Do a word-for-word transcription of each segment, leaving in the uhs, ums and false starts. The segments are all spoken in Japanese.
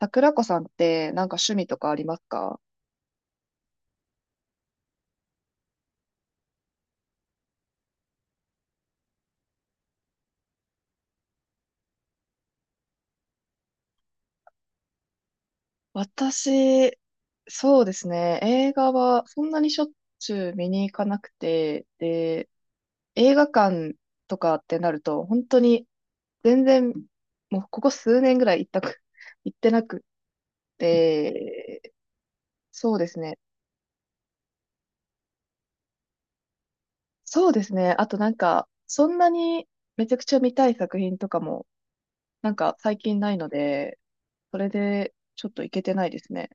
桜子さんってなんか趣味とかありますか？私、そうですね。映画はそんなにしょっちゅう見に行かなくて、で、映画館とかってなると、本当に全然、もうここ数年ぐらい行ったく、行ってなくて、そうですね。そうですね。あとなんか、そんなにめちゃくちゃ見たい作品とかも、なんか最近ないので、それでちょっと行けてないですね。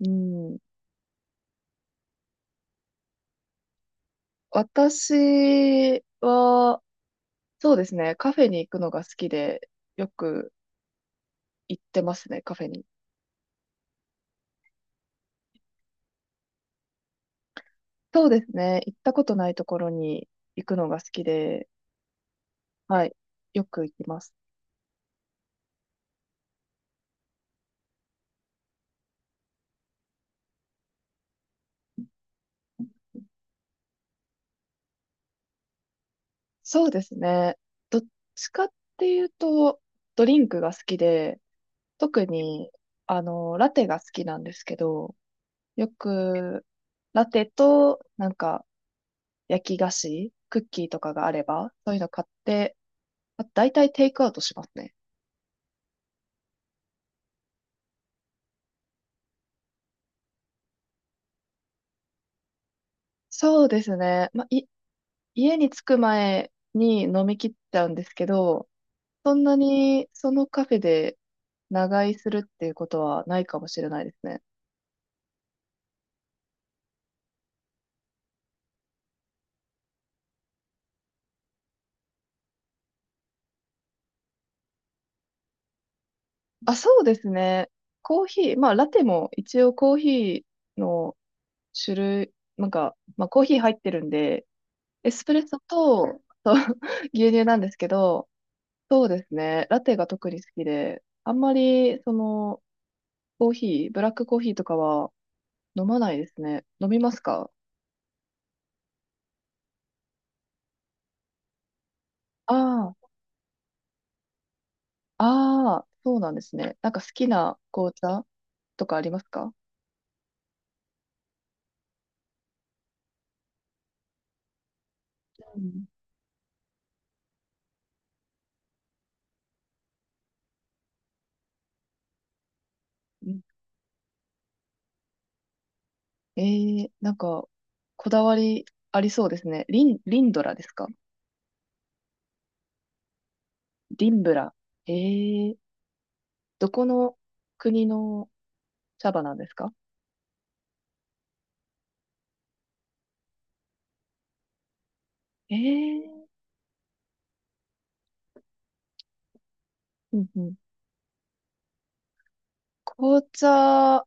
うん。私は、そうですね、カフェに行くのが好きで、よく行ってますね、カフェに。そうですね、行ったことないところに行くのが好きで、はい、よく行きます。そうですね、どっちかっていうと、ドリンクが好きで、特に、あの、ラテが好きなんですけど、よく、ラテと、なんか、焼き菓子、クッキーとかがあれば、そういうの買って、あ大体テイクアウトしますね。そうですね。まあ、い、家に着く前に飲み切っちゃうんですけど、そんなにそのカフェで長居するっていうことはないかもしれないですね。あ、そうですね。コーヒー、まあラテも一応コーヒーの種類、なんか、まあコーヒー入ってるんで、エスプレッソと、そう 牛乳なんですけど、そうですね。ラテが特に好きで、あんまりそのコーヒー、ブラックコーヒーとかは飲まないですね。飲みますか？ああ、ああ、そうなんですね。なんか好きな紅茶とかありますか？うん。うん、ええ、なんか、こだわりありそうですね。リン、リンドラですか？リンブラ。ええ、どこの国の茶葉なんですか？ええ、うんうん。紅茶、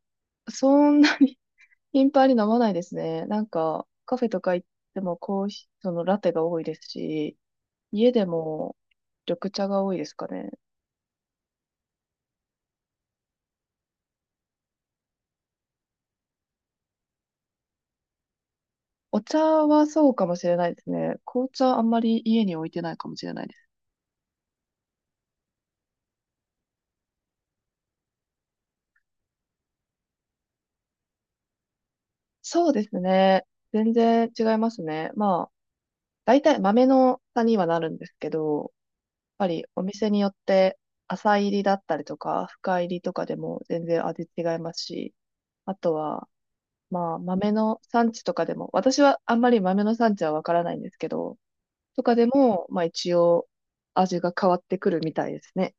そんなに 頻繁に飲まないですね。なんか、カフェとか行ってもコーヒー、そのラテが多いですし、家でも緑茶が多いですかね。お茶はそうかもしれないですね。紅茶あんまり家に置いてないかもしれないです。そうですね。全然違いますね。まあ、大体豆の差にはなるんですけど、やっぱりお店によって浅入りだったりとか、深入りとかでも全然味違いますし、あとは、まあ、豆の産地とかでも、私はあんまり豆の産地はわからないんですけど、とかでも、まあ一応味が変わってくるみたいですね。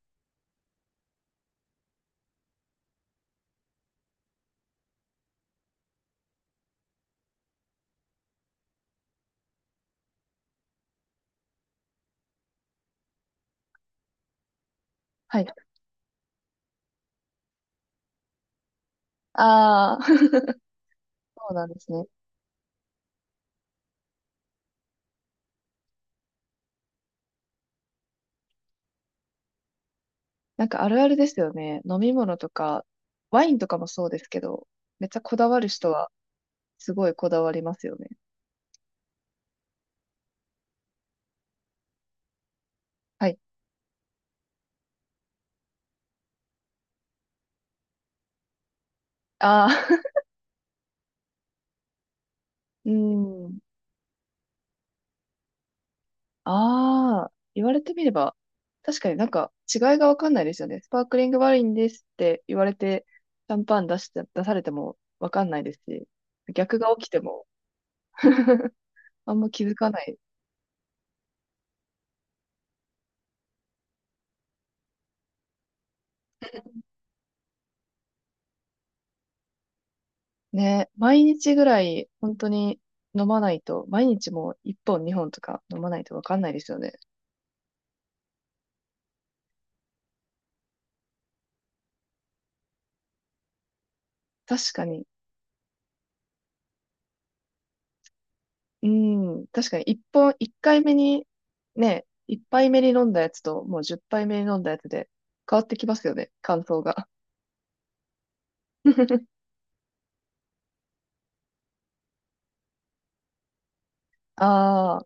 はい。ああ、そうなんですね。なんかあるあるですよね。飲み物とか、ワインとかもそうですけど、めっちゃこだわる人はすごいこだわりますよね。はい。ああ、うん。ああ、言われてみれば、確かになんか違いがわかんないですよね。スパークリングワインですって言われて、シャンパン出して、出されてもわかんないですし、逆が起きても あんま気づかない。ね、毎日ぐらい本当に飲まないと、毎日もういっぽんにほんとか飲まないとわかんないですよね。確かに。うん。確かに、一本、一回目に、ね、一杯目に飲んだやつと、もうじゅっぱいめに飲んだやつで、変わってきますよね、感想が。ああ、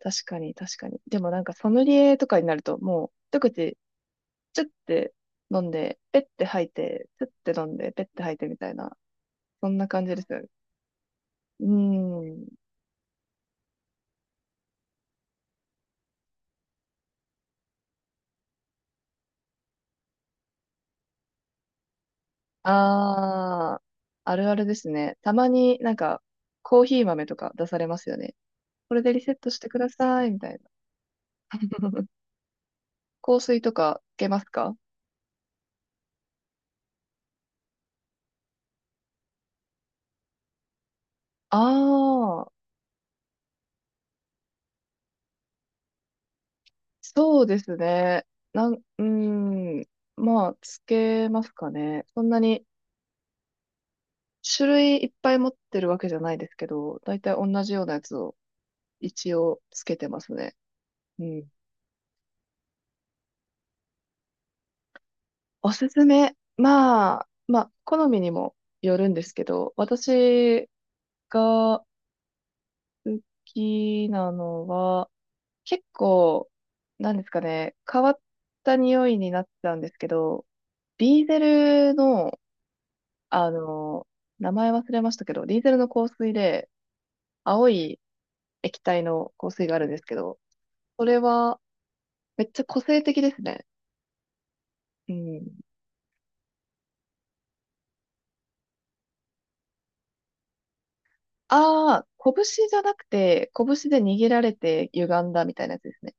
確かに、確かに。でもなんか、ソムリエとかになると、もう、一口、チュッて飲んで、ペッて吐いて、チュッて飲んで、ペッて吐いてみたいな、そんな感じですよね。うーん。ああ、あるあるですね。たまになんか、コーヒー豆とか出されますよね。これでリセットしてください、みたいな。香水とかつけますか？ああー、そうですね。なん、うーん。まあ、つけますかね。そんなに種類いっぱい持ってるわけじゃないですけど、だいたい同じようなやつを一応つけてますね。うん。おすすめ。まあ、まあ、好みにもよるんですけど、私が好きなのは、結構、なんですかね、変わった匂いになってたんですけど、ディーゼルの、あの、名前忘れましたけど、ディーゼルの香水で、青い液体の香水があるんですけど、それは、めっちゃ個性的ですね。うん。ああ、拳じゃなくて、拳で握られて歪んだみたいなやつですね。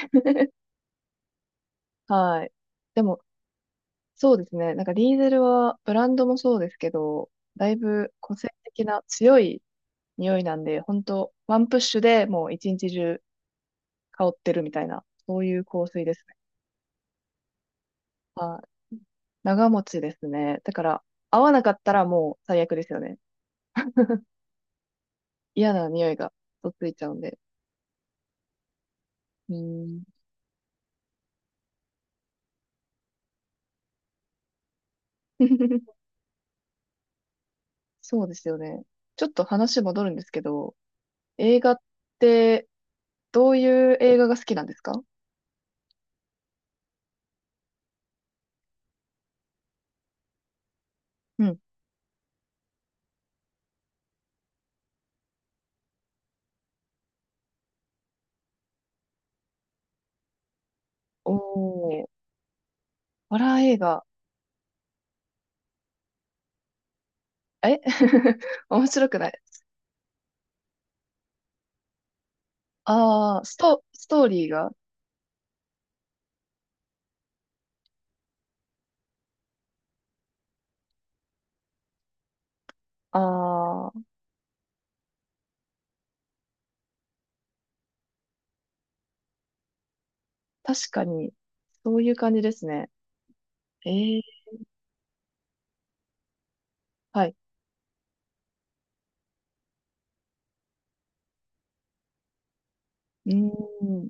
はい。でも、そうですね。なんかディーゼルは、ブランドもそうですけど、だいぶ個性的な強い匂いなんで、本当ワンプッシュでもう一日中香ってるみたいな、そういう香水ですね。はい。長持ちですね。だから、合わなかったらもう最悪ですよね。嫌な匂いがとっついちゃうんで。うーん。そうですよね。ちょっと話戻るんですけど、映画ってどういう映画が好きなんですか？うん。おー、ホラー映画。え 面白くない。あー、スト、ストーリーが、あ、確かに、そういう感じですね。えーはい。うーん。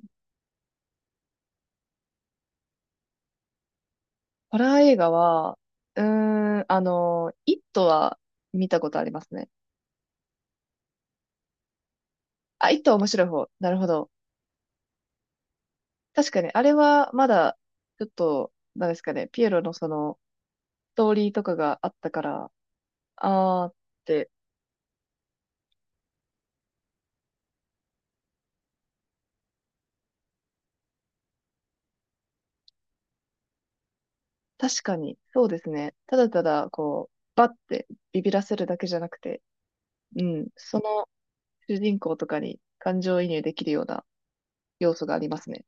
ホラー映画は、うーん、あの、イットは見たことありますね。あ、イットは面白い方。なるほど。確かに、あれはまだ、ちょっと、なんですかね、ピエロのその、ストーリーとかがあったから、あーって、確かに、そうですね。ただただ、こう、バッてビビらせるだけじゃなくて、うん、その主人公とかに感情移入できるような要素がありますね。